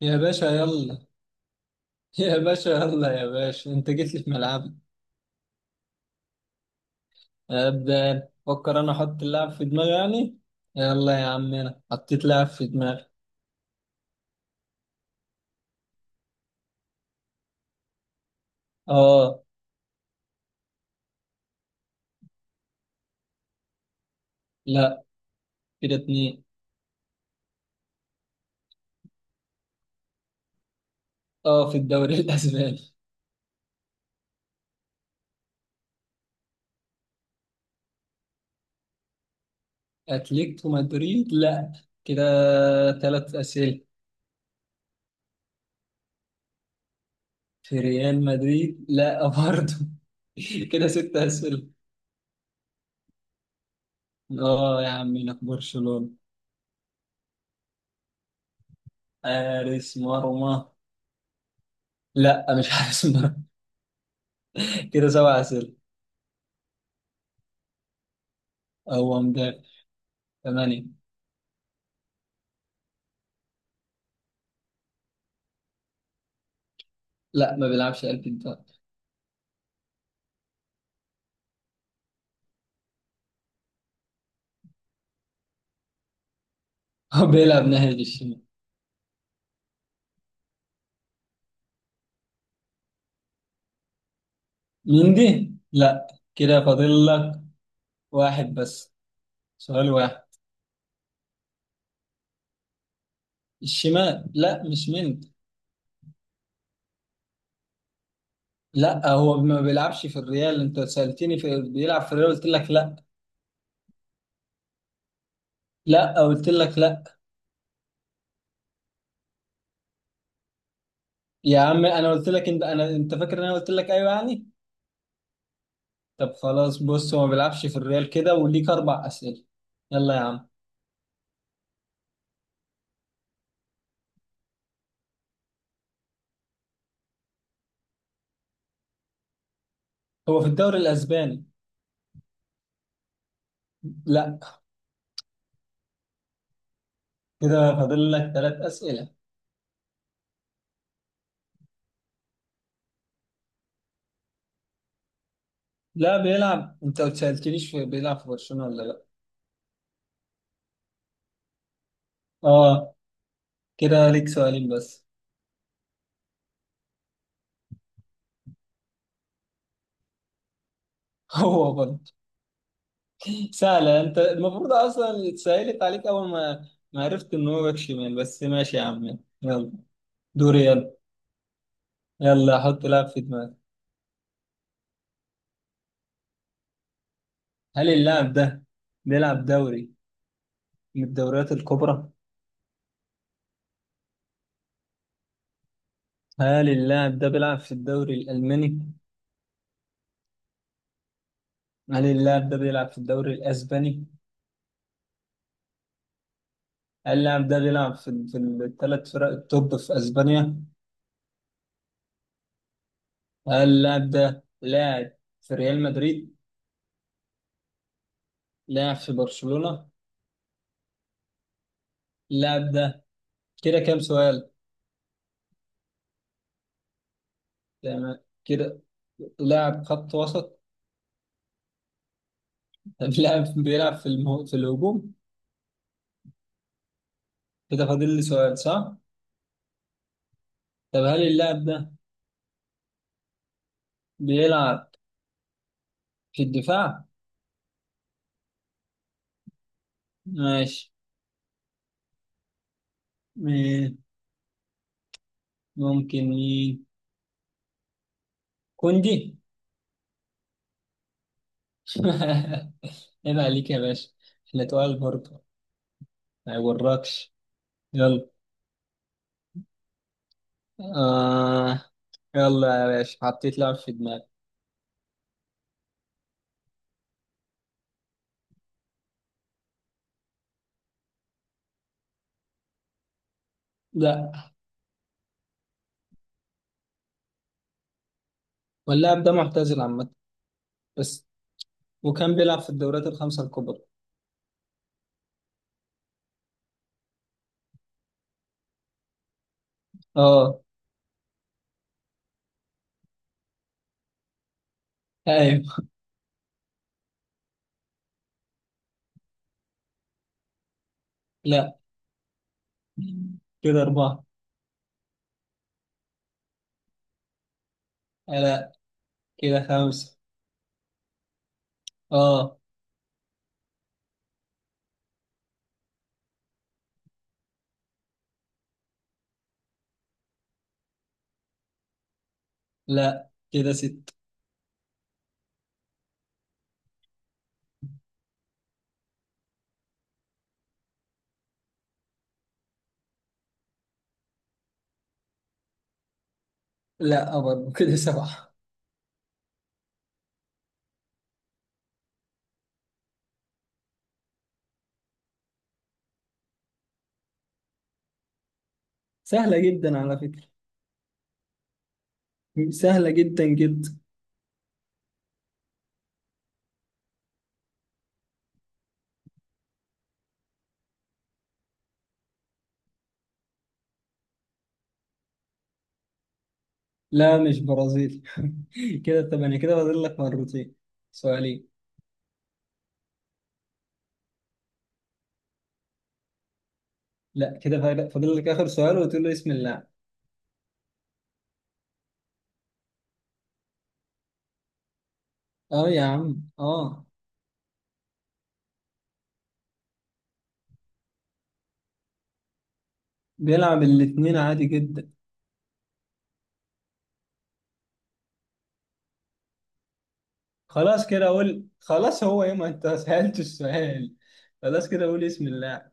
يا باشا يلا. يا باشا يلا، يا باشا انت جيت لي في ملعبي. ابدا فكر، انا احط اللاعب في دماغي يعني. يلا يا عم، انا حطيت لاعب في دماغي. اه. لا، كده اتنين. اه، في الدوري الاسباني. اتلتيكو مدريد لا، كده ثلاث اسئله. في ريال مدريد لا برضه. كده ست اسئله. اه يا عم، انا في برشلونه. حارس مرمى؟ لا مش حارس مرمى. كده سبع اسئله. هو مدافع، ثمانية. لا، ما بيلعبش قلب الدفاع. هو بيلعب ناحية الشمال. مندي لا، كده فاضل لك واحد بس، سؤال واحد. الشمال لا، مش مندي. لا، هو ما بيلعبش في الريال. انت سألتني في بيلعب في الريال، قلت لك لا. لا قلت لك لا. يا عم انا قلت لك، انت فاكر ان انا قلت لك ايوه يعني. طب خلاص، بص هو ما بيلعبش في الريال، كده وليك اربع أسئلة. يلا يا عم. هو في الدوري الاسباني؟ لا، كده فاضل لك ثلاث أسئلة. لا بيلعب، انت ما سألتنيش بيلعب في برشلونة ولا لا. اه، كده ليك سؤالين بس. هو برضه. سهلة، انت المفروض اصلا اتسهلت عليك اول ما عرفت ان هو باك شمال، بس ماشي يا عم يلا. دوري، يلا. يلا حط لاعب في دماغك. هل اللاعب ده بيلعب دوري من الدوريات الكبرى؟ هل اللاعب ده بيلعب في الدوري الألماني؟ هل اللاعب ده بيلعب في الدوري الأسباني؟ هل اللاعب ده بيلعب في الثلاث فرق التوب في أسبانيا؟ اللاعب ده لاعب في ريال مدريد؟ لاعب في برشلونة. اللاعب ده، كده كام سؤال؟ تمام. كده لاعب خط وسط؟ طب لاعب بيلعب في الهجوم؟ كده فاضل لي سؤال صح؟ طب هل اللاعب ده بيلعب في الدفاع؟ ماشي. مين، ممكن مين؟ كوندي. عيب عليك يا باشا. احنا تقال برضه. ما يوركش، يلا. آه، يلا يا باشا حطيت لاعب في دماغي. لا. واللاعب ده معتزل عامة، بس. وكان بيلعب في الدوريات الخمسة الكبرى. اه. ايوه. لا، كده أربعة. آه، لا، كده خمسة. اه. لا، كده ستة. لا برضه، كده سبعة. سهلة جدا على فكرة. سهلة جدا جدا. لا مش برازيلي. كده ثمانية، كده فاضل لك مرتين، سؤالين. لا، كده فاضل لك آخر سؤال وتقول له اسم اللاعب. اه يا عم اه. بيلعب الاتنين عادي جدا. خلاص كده اقول، خلاص هو ايه، ما انت سألت السؤال. خلاص كده اقول اسم الله.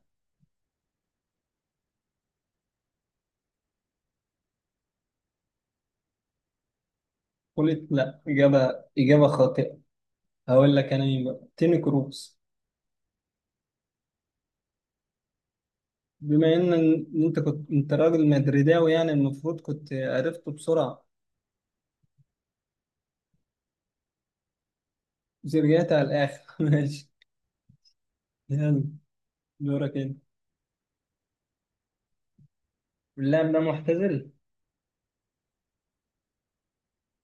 قلت لا، اجابه اجابه خاطئه. هقول لك انا مين بقى، توني كروس. بما ان إن انت كنت، انت راجل مدريداوي يعني المفروض كنت عرفته بسرعه. زريات على الاخر. ماشي. يلا. دورك انت. اللاعب ده معتزل؟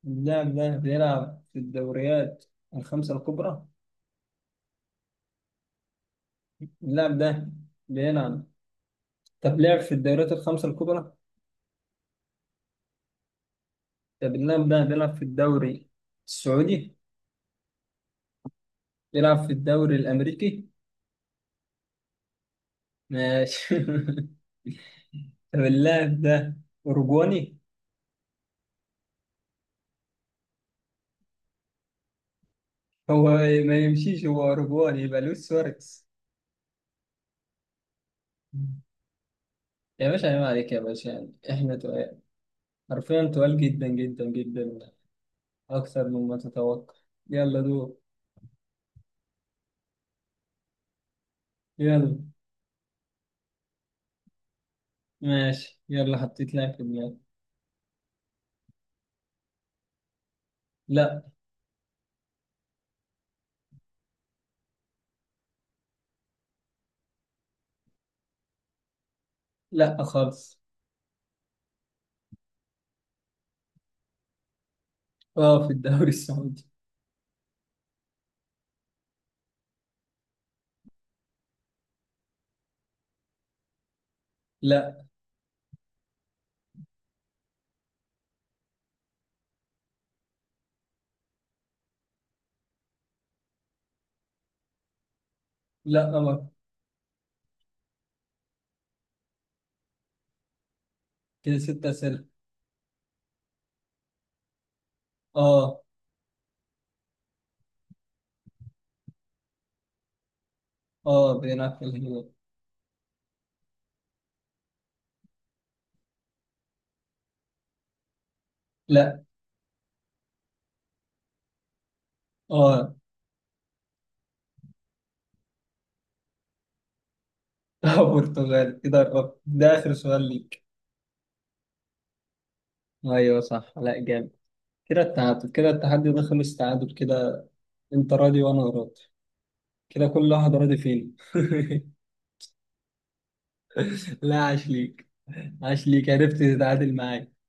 اللاعب ده بيلعب في الدوريات الخمسه الكبرى؟ اللاعب ده بيلعب، طب لعب في الدوريات الخمسه الكبرى؟ بنلعب ده بيلعب في الدوري السعودي؟ بيلعب في الدوري الأمريكي؟ ماشي. طب اللاعب ده أوروجواني؟ هو ما يمشيش، هو أوروجواني يبقى لويس سواريز. يا باشا عيب عليك يا باشا، يعني احنا تقال، حرفيا تقال جدا جدا جدا أكثر مما تتوقع. يلا دور. يلا. ماشي يلا، حطيت لاعب في دماغي. لا. لا خالص. اه في الدوري السعودي. لا. لا أمر. كده ست أسئلة. اه. اه بيلعب في الهلال. لا. اه. برتغال، كده قربت، ده اخر سؤال ليك. ايوه صح، لا جامد. كده التعادل، كده التحدي ده خلص تعادل كده. انت راضي وانا راضي، كده كل واحد راضي فينا. لا عاش ليك. عاش ليك، عرفت تتعادل معايا.